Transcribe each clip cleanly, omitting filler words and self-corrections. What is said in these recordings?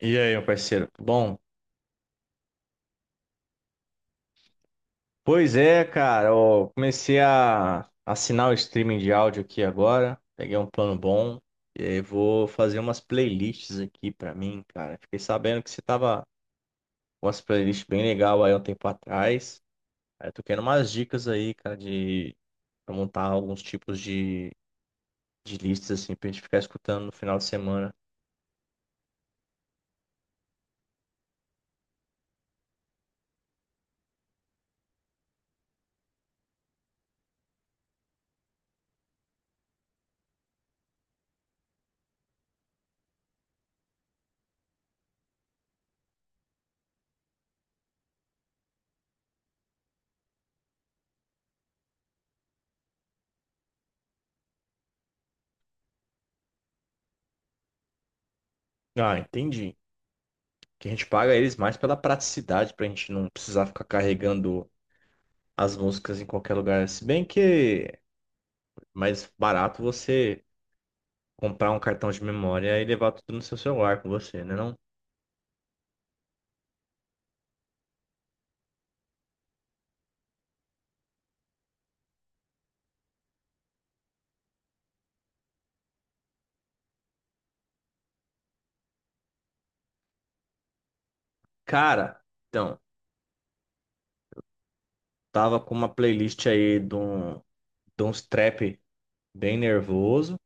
E aí, meu parceiro? Bom, pois é, cara, eu comecei a assinar o streaming de áudio aqui agora, peguei um plano bom, e aí vou fazer umas playlists aqui pra mim, cara. Fiquei sabendo que você tava com umas playlists bem legal aí um tempo atrás. Aí eu tô querendo umas dicas aí, cara, de pra montar alguns tipos de listas assim pra gente ficar escutando no final de semana. Ah, entendi. Que a gente paga eles mais pela praticidade, pra gente não precisar ficar carregando as músicas em qualquer lugar. Se bem que é mais barato você comprar um cartão de memória e levar tudo no seu celular com você, né não? Cara, então, tava com uma playlist aí de uns trap bem nervoso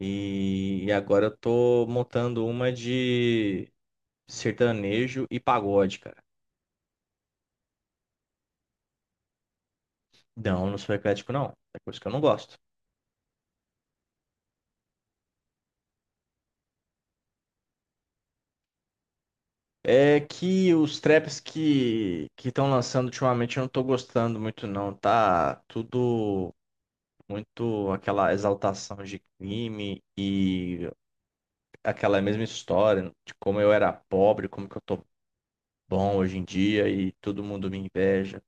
e agora eu tô montando uma de sertanejo e pagode, cara. Não, não sou eclético não, é coisa que eu não gosto. É que os traps que estão lançando ultimamente eu não tô gostando muito não, tá tudo muito aquela exaltação de crime e aquela mesma história de como eu era pobre, como que eu tô bom hoje em dia e todo mundo me inveja.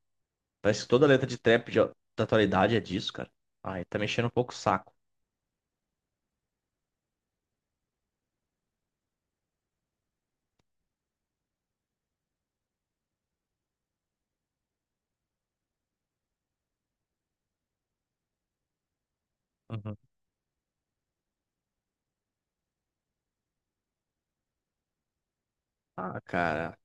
Parece que toda letra de trap da atualidade é disso, cara. Aí tá mexendo um pouco o saco. Uhum. Ah, cara.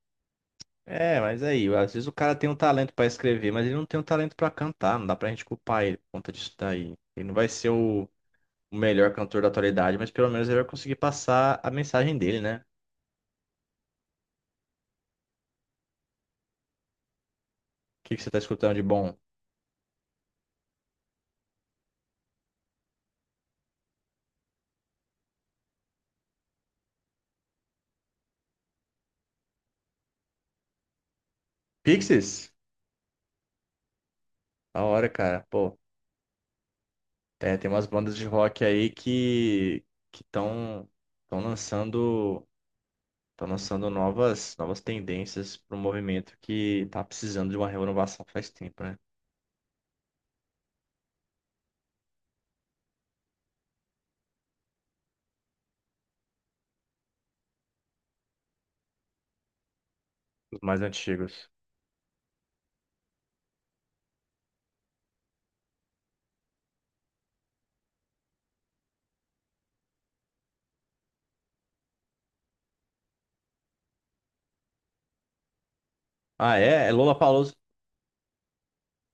É, mas aí, às vezes o cara tem um talento pra escrever, mas ele não tem um talento pra cantar, não dá pra gente culpar ele por conta disso daí. Ele não vai ser o melhor cantor da atualidade, mas pelo menos ele vai conseguir passar a mensagem dele, né? O que que você tá escutando de bom? Pixies? Da hora, cara. Pô, é, tem umas bandas de rock aí que estão lançando estão lançando novas tendências para um movimento que tá precisando de uma renovação faz tempo, né? Os mais antigos. Ah, é Lollapalooza.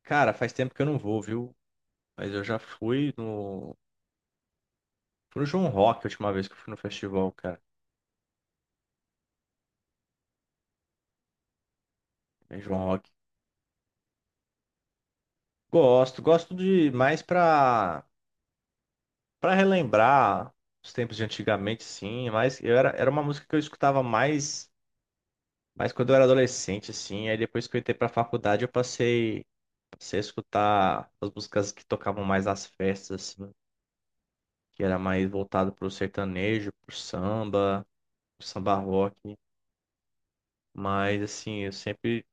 Cara, faz tempo que eu não vou, viu? Mas eu já fui no João Rock a última vez que eu fui no festival, cara. Em João Rock. Gosto, gosto de mais pra para relembrar os tempos de antigamente, sim, mas eu era uma música que eu escutava mais. Mas quando eu era adolescente, assim, aí depois que eu entrei pra faculdade, eu passei a escutar as músicas que tocavam mais nas festas, assim, que era mais voltado pro sertanejo, pro samba rock. Mas, assim, eu sempre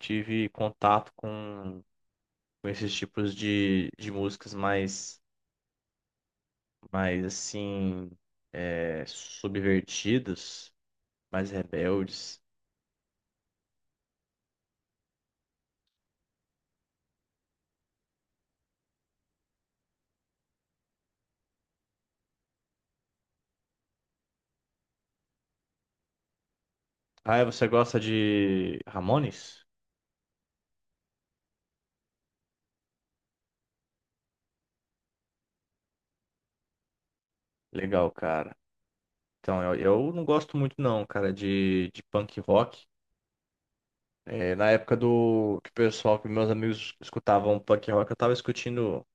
tive contato com esses tipos de músicas mais assim, subvertidas, mais rebeldes. Ah, você gosta de Ramones? Legal, cara. Então, eu não gosto muito não, cara, de punk rock. É, na época do que o pessoal, que meus amigos escutavam punk rock, eu tava escutando,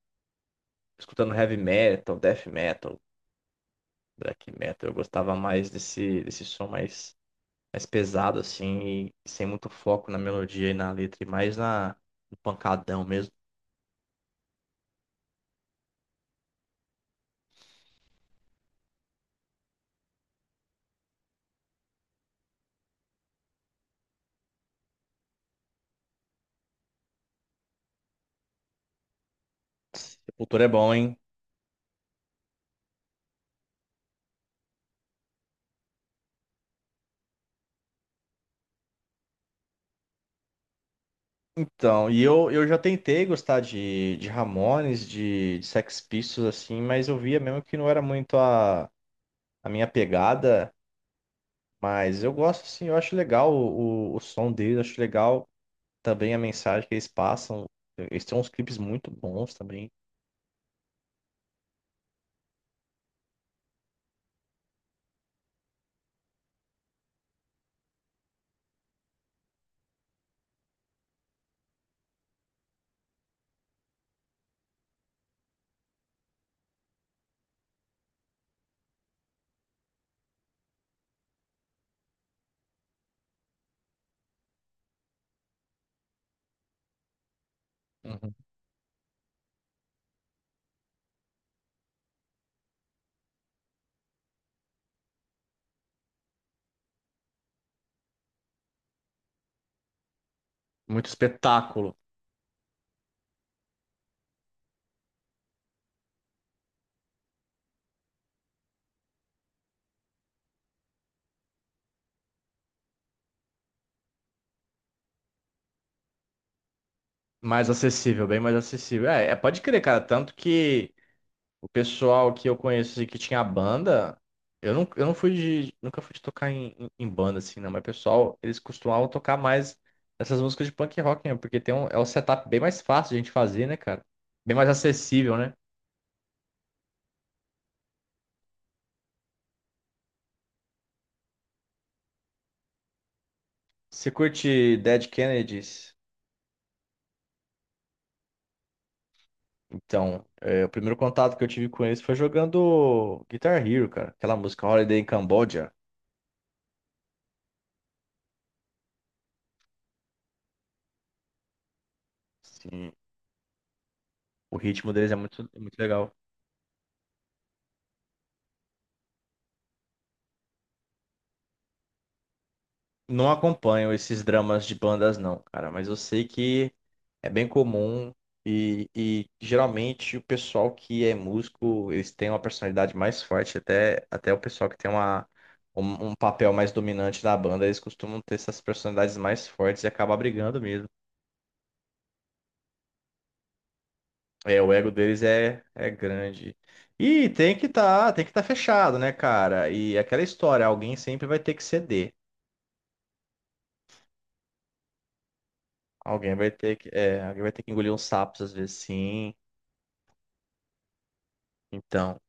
escutando heavy metal, death metal, black metal. Eu gostava mais desse som mais pesado, assim, e sem muito foco na melodia e na letra, e mais no pancadão mesmo. Sepultura é bom, hein? Então, e eu já tentei gostar de Ramones, de Sex Pistols, assim, mas eu via mesmo que não era muito a minha pegada, mas eu gosto assim, eu acho legal o som deles, acho legal também a mensagem que eles passam. Eles têm uns clipes muito bons também. Uhum. Muito espetáculo, mais acessível, bem mais acessível. É, pode crer, cara, tanto que o pessoal que eu conheço assim, que tinha banda, eu não fui nunca fui de tocar em banda assim, não, mas pessoal, eles costumavam tocar mais essas músicas de punk rock, né? Porque tem é um setup bem mais fácil de a gente fazer, né, cara? Bem mais acessível, né? Você curte Dead Kennedys? Então, é, o primeiro contato que eu tive com eles foi jogando Guitar Hero, cara. Aquela música Holiday in Cambodia. Sim. O ritmo deles é muito legal. Não acompanho esses dramas de bandas, não, cara, mas eu sei que é bem comum e geralmente o pessoal que é músico, eles têm uma personalidade mais forte, até, até o pessoal que tem um papel mais dominante na banda, eles costumam ter essas personalidades mais fortes e acaba brigando mesmo. É, o ego deles é grande. E tem que estar fechado, né, cara? E aquela história, alguém sempre vai ter que ceder. Alguém vai ter que engolir uns sapos às vezes, sim. Então,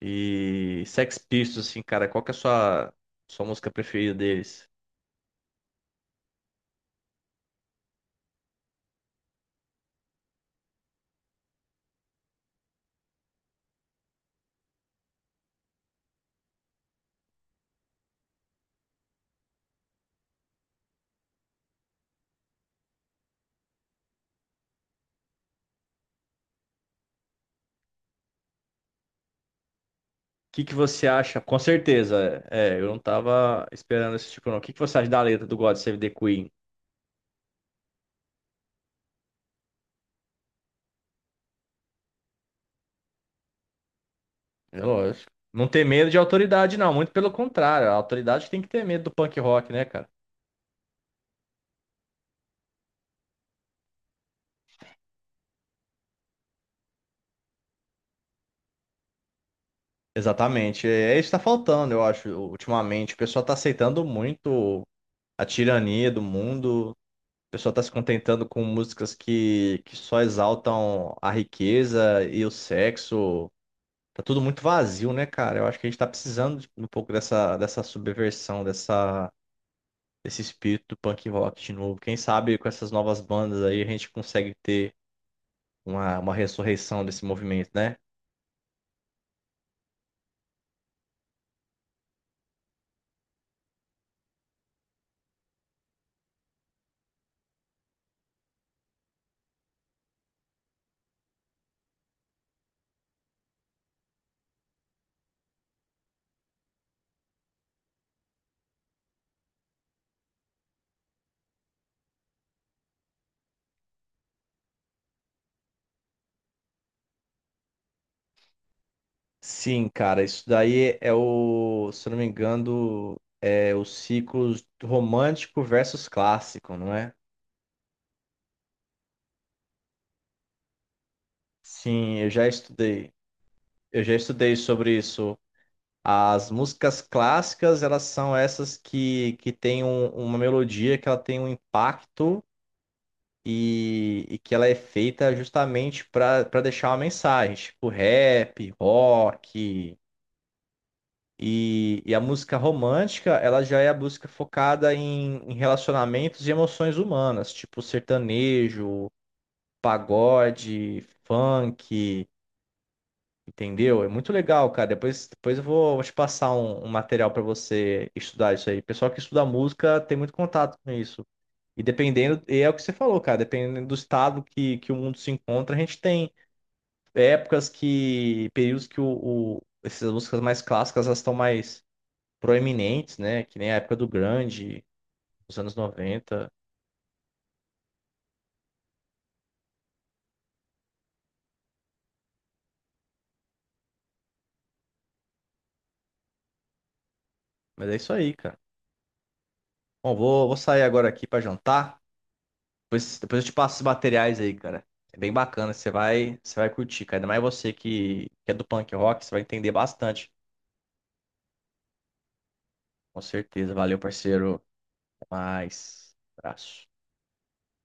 e Sex Pistols, assim, cara, qual que é a sua música preferida deles? O que que você acha? Com certeza, é, eu não tava esperando esse tipo, não. O que que você acha da letra do God Save the Queen? É lógico. Não ter medo de autoridade, não. Muito pelo contrário, a autoridade tem que ter medo do punk rock, né, cara? Exatamente. É isso que tá faltando, eu acho, ultimamente. O pessoal tá aceitando muito a tirania do mundo. O pessoal tá se contentando com músicas que só exaltam a riqueza e o sexo. Tá tudo muito vazio, né, cara? Eu acho que a gente tá precisando de um pouco dessa subversão, desse espírito do punk rock de novo. Quem sabe com essas novas bandas aí a gente consegue ter uma ressurreição desse movimento, né? Sim, cara, isso daí é o, se eu não me engano, é o ciclo romântico versus clássico, não é? Sim, eu já estudei. Eu já estudei sobre isso. As músicas clássicas, elas são essas que têm uma melodia, que ela tem um impacto e que ela é feita justamente para deixar uma mensagem, tipo rap, rock. E a música romântica, ela já é a música focada em relacionamentos e emoções humanas, tipo sertanejo, pagode, funk, entendeu? É muito legal, cara. Depois eu vou te passar um material para você estudar isso aí. O pessoal que estuda música tem muito contato com isso. E é o que você falou, cara, dependendo do estado que o mundo se encontra, a gente tem períodos que essas músicas mais clássicas, elas estão mais proeminentes, né? Que nem a época os anos 90. Mas é isso aí, cara. Bom, vou sair agora aqui pra jantar. Depois eu te passo os materiais aí, cara. É bem bacana, você vai curtir, cara. Ainda mais você que é do punk rock, você vai entender bastante. Com certeza. Valeu, parceiro. Até mais. Abraço.